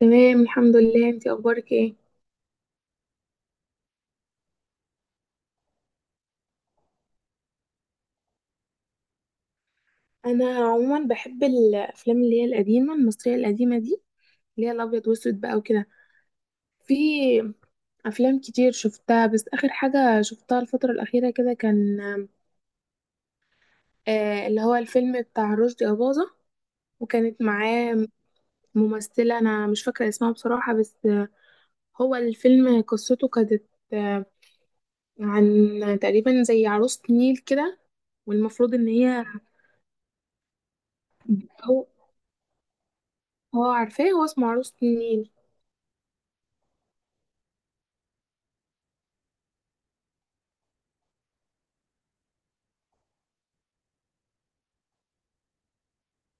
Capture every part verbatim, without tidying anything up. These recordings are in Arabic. تمام الحمد لله، انتي اخبارك ايه؟ انا عموما بحب الافلام اللي هي القديمه، المصريه القديمه دي، اللي هي الابيض واسود بقى وكده. في افلام كتير شفتها، بس اخر حاجه شفتها الفتره الاخيره كده كان آه اللي هو الفيلم بتاع رشدي اباظه، وكانت معاه ممثله انا مش فاكره اسمها بصراحه، بس آه، هو الفيلم قصته كانت آه عن تقريبا زي عروسه نيل كده، والمفروض ان هي هو هو عارفاه، هو اسمه عروسة النيل.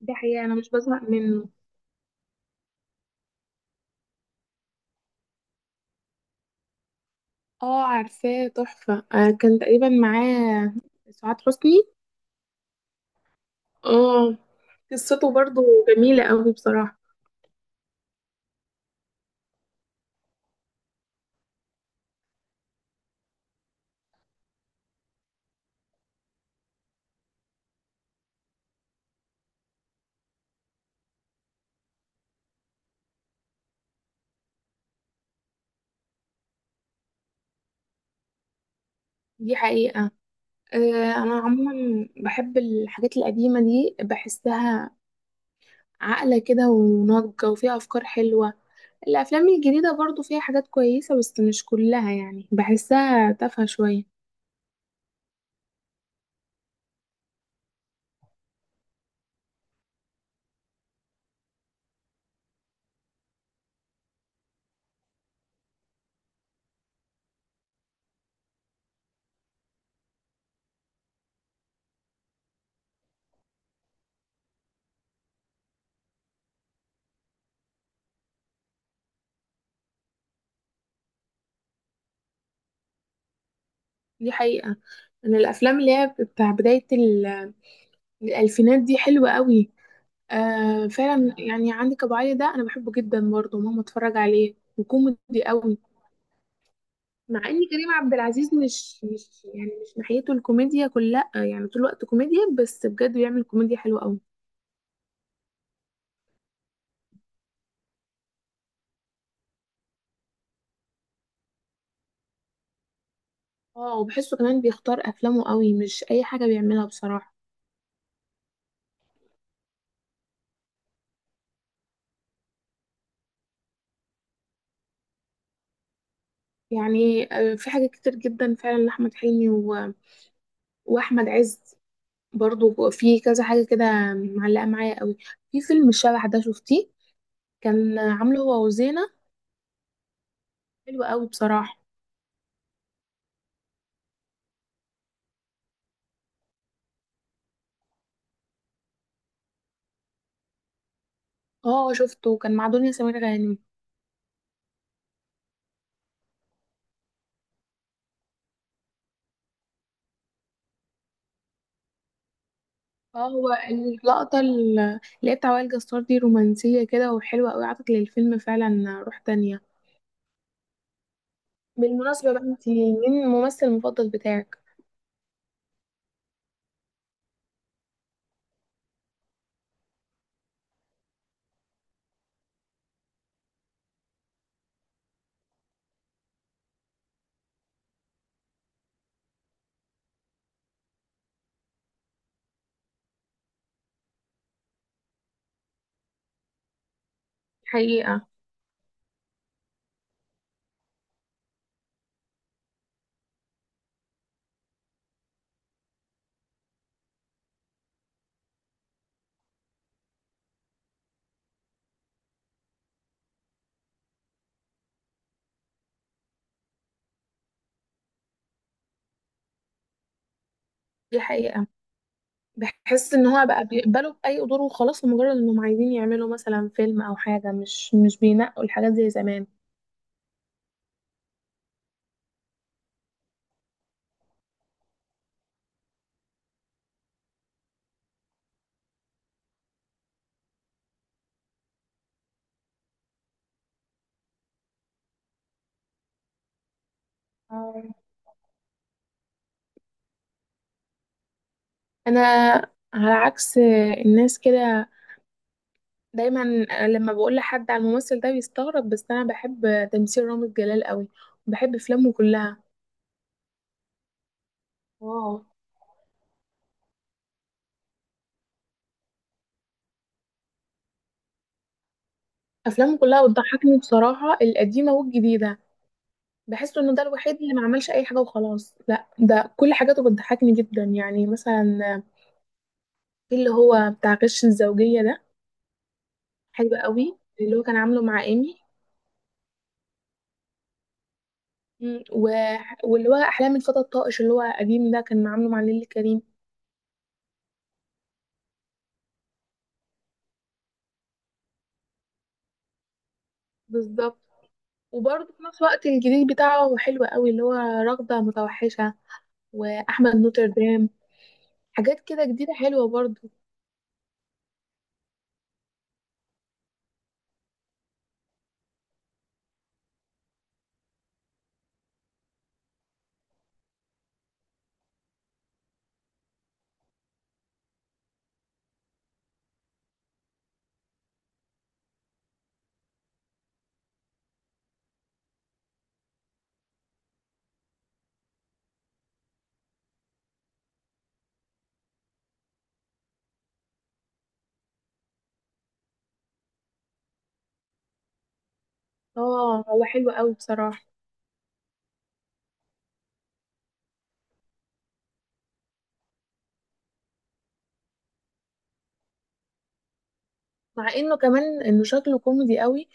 دي حقيقة أنا مش بزهق منه. اه عارفاه تحفة، آه كان تقريبا معاه سعاد حسني. اه قصته برضو جميلة قوي بصراحة. دي حقيقة. آه أنا عموما بحب الحاجات القديمة دي، بحسها عاقلة كده وناضجة وفيها أفكار حلوة. الأفلام الجديدة برضو فيها حاجات كويسة، بس مش كلها يعني، بحسها تافهة شوية. دي حقيقة. أنا الأفلام اللي هي بتاع بداية ال- الألفينات دي حلوة قوي. آه فعلا، يعني عندك ابو علي ده انا بحبه جدا، برضه ماما اتفرج عليه، وكوميدي قوي. مع ان كريم عبد العزيز مش مش يعني مش ناحيته الكوميديا كلها، آه، يعني طول الوقت كوميديا، بس بجد بيعمل كوميديا حلوه قوي. اه وبحسه كمان بيختار افلامه قوي، مش اي حاجه بيعملها بصراحه. يعني آه في حاجات كتير جدا فعلا لاحمد حلمي و... واحمد عز برضه، في كذا حاجه كده معلقه معايا قوي. في فيلم الشبح ده، شفتيه؟ كان عامله هو وزينه، حلو قوي بصراحه. اه شفته كان مع دنيا سمير غانم. اه هو اللقطة اللي هي بتاع وائل جسار دي رومانسية كده وحلوة قوي، عطت للفيلم فعلا روح تانية. بالمناسبة بقى، انتي مين الممثل المفضل بتاعك؟ حقيقة. دي حقيقة، بحس ان هو بقى بيقبلوا بأي دور وخلاص، لمجرد انهم عايزين يعملوا مثلا فيلم او حاجة، مش مش بينقوا الحاجات زي زمان. اه انا على عكس الناس كده دايما، لما بقول لحد على الممثل ده بيستغرب، بس انا بحب تمثيل رامز جلال قوي، وبحب افلامه كلها. واو. افلامه كلها بتضحكني بصراحة، القديمة والجديدة. بحس انه ده الوحيد اللي ما عملش اي حاجة وخلاص، لا ده كل حاجاته بتضحكني جدا، يعني مثلا في اللي هو بتاع غش الزوجية ده، حلو قوي اللي هو كان عامله مع ايمي. مم. و... واللي هو احلام الفتى الطائش اللي هو قديم ده، كان عامله مع نيللي كريم. بالظبط. وبرضه في نفس الوقت الجديد بتاعه حلو قوي، اللي هو رغدة متوحشة وأحمد نوتردام، حاجات كده جديدة حلوة برضه. اه هو حلو قوي بصراحة. مع انه كمان انه شكله كوميدي قوي،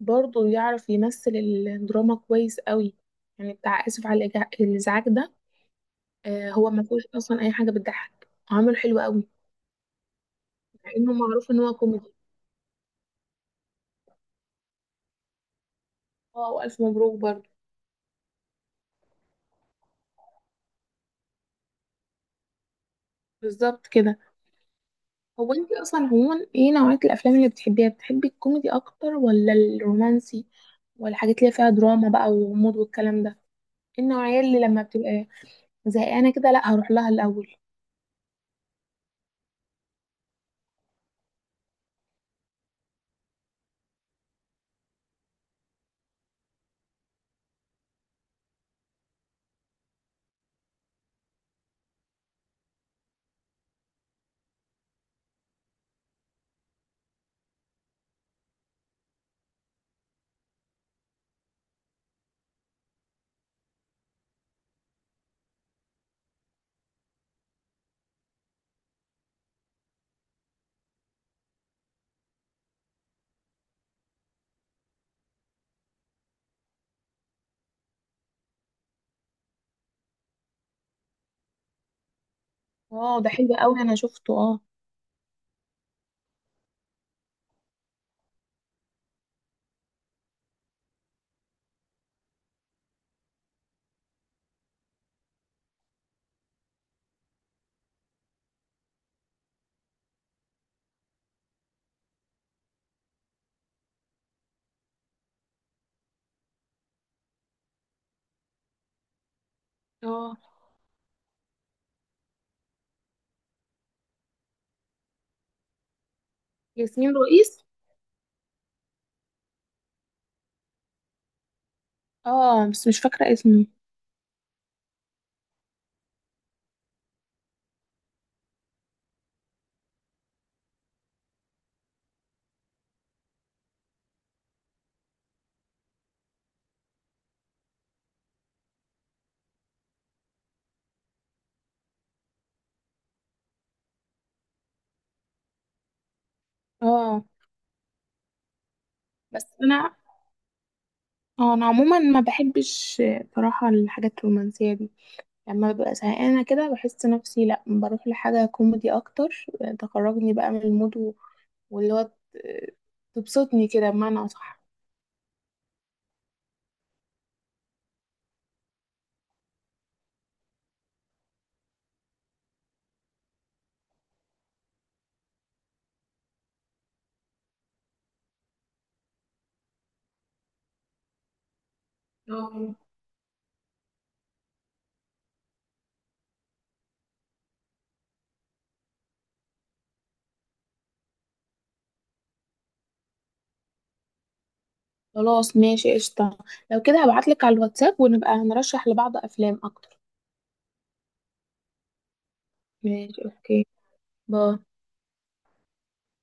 برضه يعرف يمثل الدراما كويس قوي، يعني بتاع آسف على الإجا- الإزعاج ده. آه هو ما فيهوش أصلا أي حاجة بتضحك، عامل حلو قوي، مع انه معروف ان هو كوميدي. اه وألف مبروك برضه. بالظبط كده. هو انت اصلا عموما ايه نوعية الافلام اللي بتحبيها؟ بتحبي الكوميدي اكتر ولا الرومانسي، ولا الحاجات اللي فيها دراما بقى وغموض والكلام ده؟ ايه النوعية اللي لما بتبقى زهقانة كده لا هروح لها الاول؟ اه ده حلو قوي، انا شفته اه. اه ياسمين رئيس. اه بس مش فاكرة اسمه. اه بس انا، اه انا عموما ما بحبش بصراحة الحاجات الرومانسية دي، لما ببقى زهقانة كده بحس نفسي لا بروح لحاجة كوميدي اكتر، تخرجني بقى من المود، واللي هو ت- تبسطني كده بمعنى أصح. اه خلاص ماشي قشطة، لو كده هبعتلك على الواتساب ونبقى نرشح لبعض أفلام أكتر. ماشي أوكي، باي